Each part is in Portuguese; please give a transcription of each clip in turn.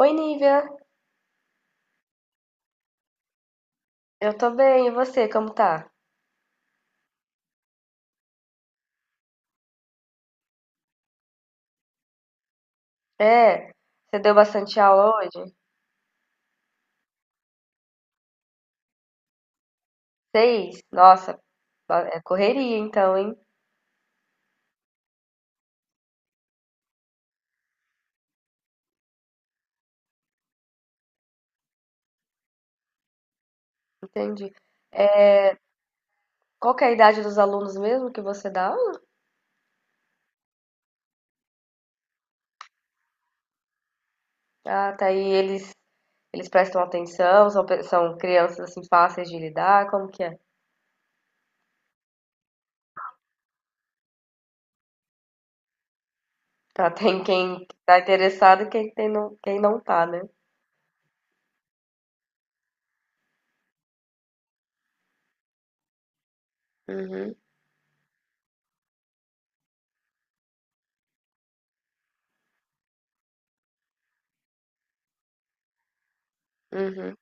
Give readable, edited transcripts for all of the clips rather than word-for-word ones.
Oi, Nívia. Eu tô bem, e você, como tá? É, você deu bastante aula hoje? Seis? Nossa, é correria então, hein? Entendi. Qual que é a idade dos alunos mesmo que você dá aula? Ah, tá aí, eles prestam atenção, são, são crianças assim fáceis de lidar, como que é? Tá, tem quem tá interessado e quem, tem não, quem não tá, né? Uhum, uhum.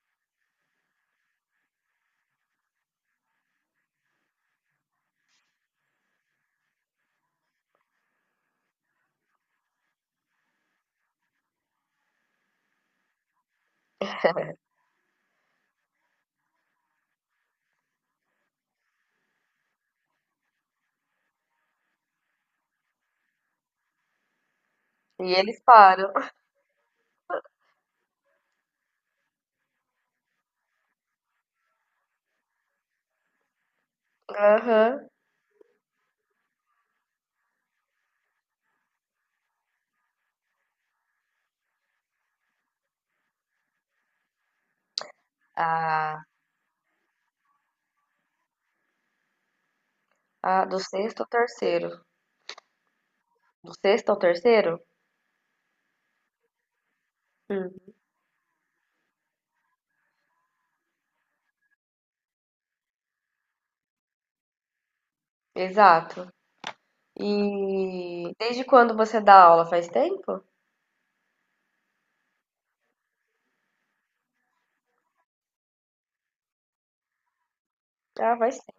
E eles param. Aham. Ah, ah, do sexto ao terceiro. Do sexto ao terceiro? Exato. E desde quando você dá aula? Faz tempo? Ah, faz tempo.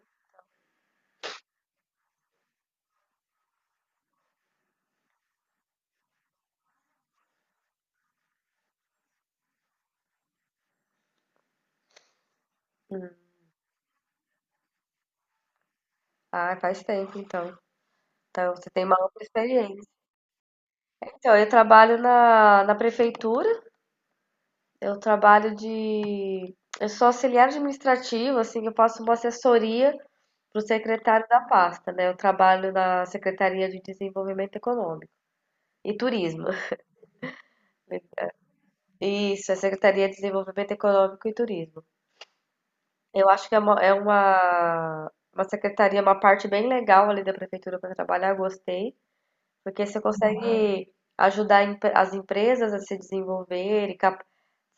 Ah, faz tempo então. Então você tem uma ampla experiência. Então, eu trabalho na prefeitura, eu trabalho de. Eu sou auxiliar administrativo, assim, eu faço uma assessoria para o secretário da pasta, né? Eu trabalho na Secretaria de Desenvolvimento Econômico e Turismo. Isso, é Secretaria de Desenvolvimento Econômico e Turismo. Eu acho que é uma secretaria, uma parte bem legal ali da prefeitura para trabalhar, gostei, porque você consegue as empresas a se desenvolver e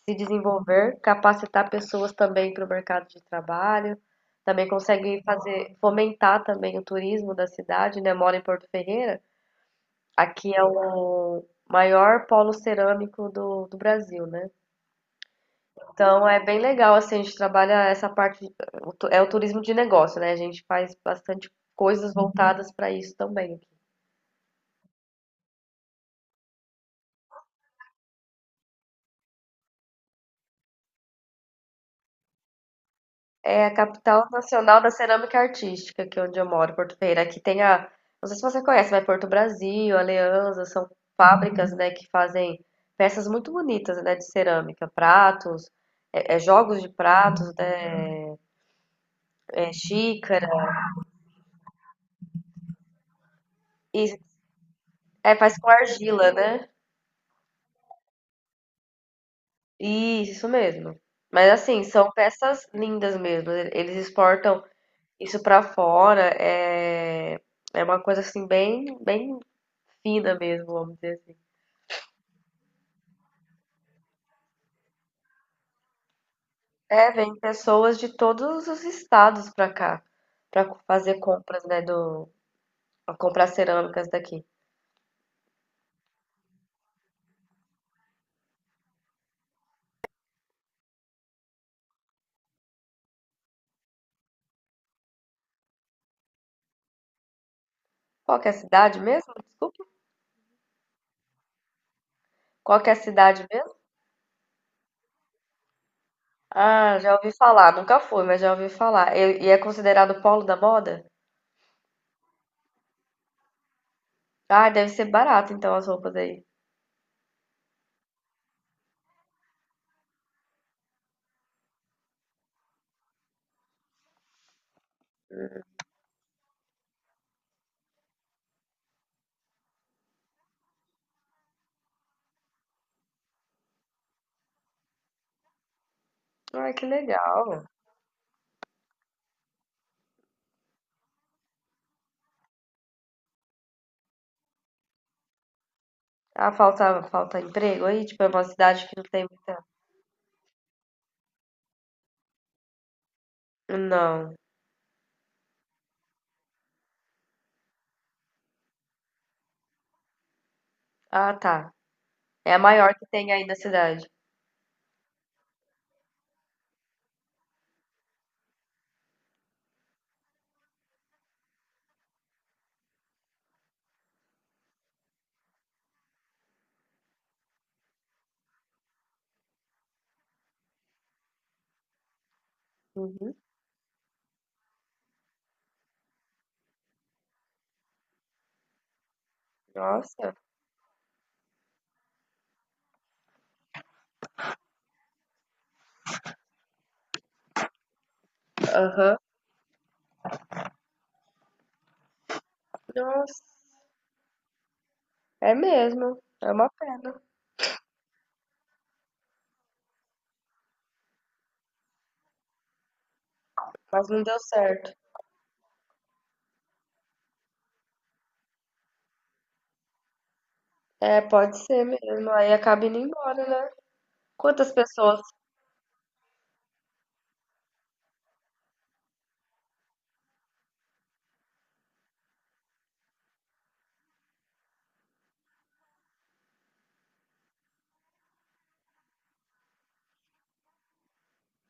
se desenvolver, capacitar pessoas também para o mercado de trabalho, também consegue fazer, fomentar também o turismo da cidade, né? Eu moro em Porto Ferreira, aqui é o maior polo cerâmico do Brasil, né? Então é bem legal, assim, a gente trabalha essa parte, é o turismo de negócio, né? A gente faz bastante coisas voltadas para isso também. É a capital nacional da cerâmica artística, que é onde eu moro, Porto Ferreira. Aqui tem não sei se você conhece, mas Porto Brasil, Aliança, são fábricas, né, que fazem peças muito bonitas, né, de cerâmica, pratos, é jogos de pratos, né, é xícara, e é, faz com argila, né? Isso mesmo. Mas assim, são peças lindas mesmo. Eles exportam isso pra fora. É, é uma coisa assim bem, bem fina mesmo, vamos dizer assim. É, vem pessoas de todos os estados pra cá, fazer compras, né, pra comprar cerâmicas daqui. Qual que é a cidade mesmo? Desculpa. Qual que é a cidade mesmo? Ah, já ouvi falar, nunca fui, mas já ouvi falar. E é considerado polo da moda? Ah, deve ser barato então as roupas aí. Ai, que legal. Ah, falta emprego aí? Tipo, é uma cidade que não tem muita. Não. Ah, tá. É a maior que tem aí na cidade. Uhum. Nossa. Aham. Nossa. É mesmo. É uma pena. Mas não deu certo. É, pode ser mesmo. Aí acaba indo embora, né? Quantas pessoas.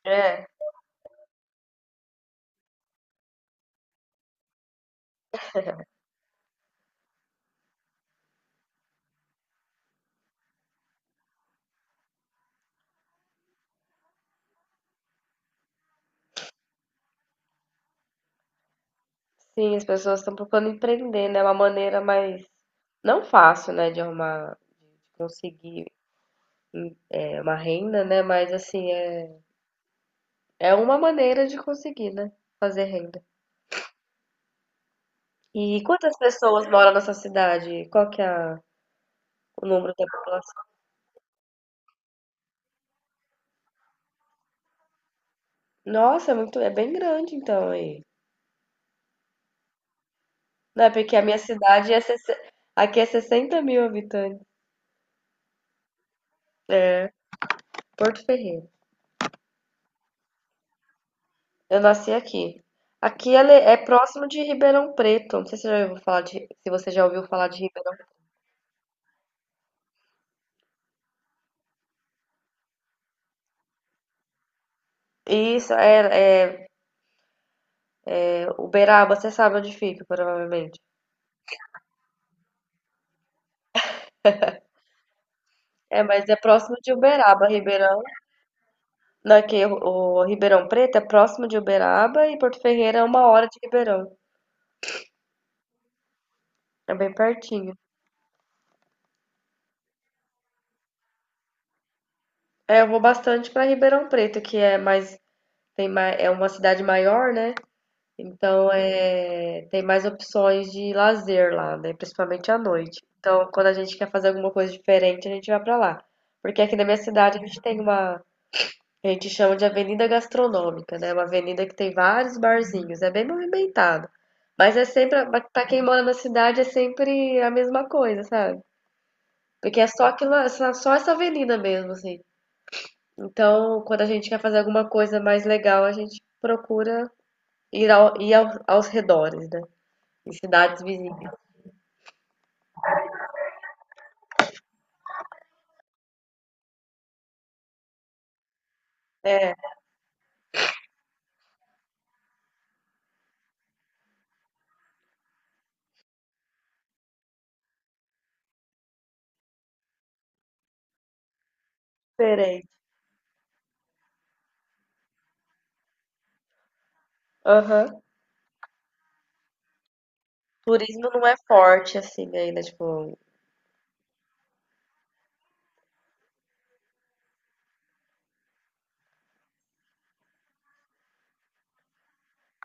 É. Sim, as pessoas estão procurando empreender, né? É uma maneira mais. Não fácil, né? De arrumar é, uma renda, né? Mas assim, é, é uma maneira de conseguir, né? Fazer renda. E quantas pessoas moram nessa cidade? Qual que é o número da população? Nossa, é muito, é bem grande então aí. Não, é porque a minha cidade é, 60 aqui é 60 mil habitantes, Porto Ferreira. Eu nasci aqui. Aqui ela é próximo de Ribeirão Preto. Não sei se você já se você já ouviu falar de Ribeirão. Isso, é Uberaba, você sabe onde fica, provavelmente. É, mas é próximo de Uberaba, Ribeirão. Não, é que o Ribeirão Preto é próximo de Uberaba e Porto Ferreira é uma hora de Ribeirão. É bem pertinho. É, eu vou bastante para Ribeirão Preto, que é mais, tem mais, é uma cidade maior, né? Então é, tem mais opções de lazer lá, né? Principalmente à noite. Então, quando a gente quer fazer alguma coisa diferente, a gente vai para lá. Porque aqui na minha cidade a gente tem a gente chama de avenida gastronômica, né? Uma avenida que tem vários barzinhos, é bem movimentado. Mas é sempre, para quem mora na cidade, é sempre a mesma coisa, sabe? Porque é só aquilo, é só essa avenida mesmo, assim. Então, quando a gente quer fazer alguma coisa mais legal, a gente procura ir aos redores, né? Em cidades vizinhas. É, diferente. Aham. Turismo não é forte assim ainda, tipo.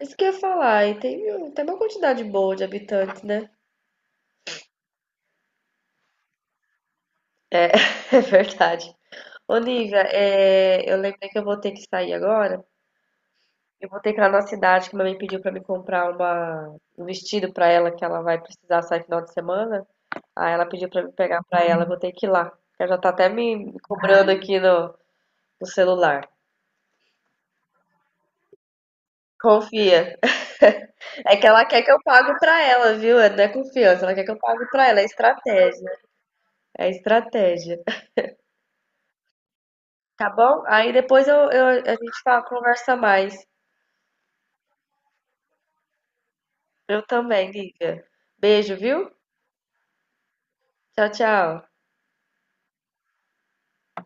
Isso que eu ia falar, e tem uma quantidade boa de habitantes, né? É, é verdade. Ô, Nívia, é, eu lembrei que eu vou ter que sair agora. Eu vou ter que ir lá na cidade, que minha mãe pediu pra me comprar um vestido pra ela, que ela vai precisar sair final de semana. Aí ela pediu pra me pegar pra ela, eu vou ter que ir lá. Ela já tá até me cobrando aqui no celular. Confia. É que ela quer que eu pague pra ela, viu? Não é confiança, ela quer que eu pague pra ela. É estratégia. É estratégia. Tá bom? Aí depois a gente fala, conversa mais. Eu também, Lívia. Beijo, viu? Tchau, tchau.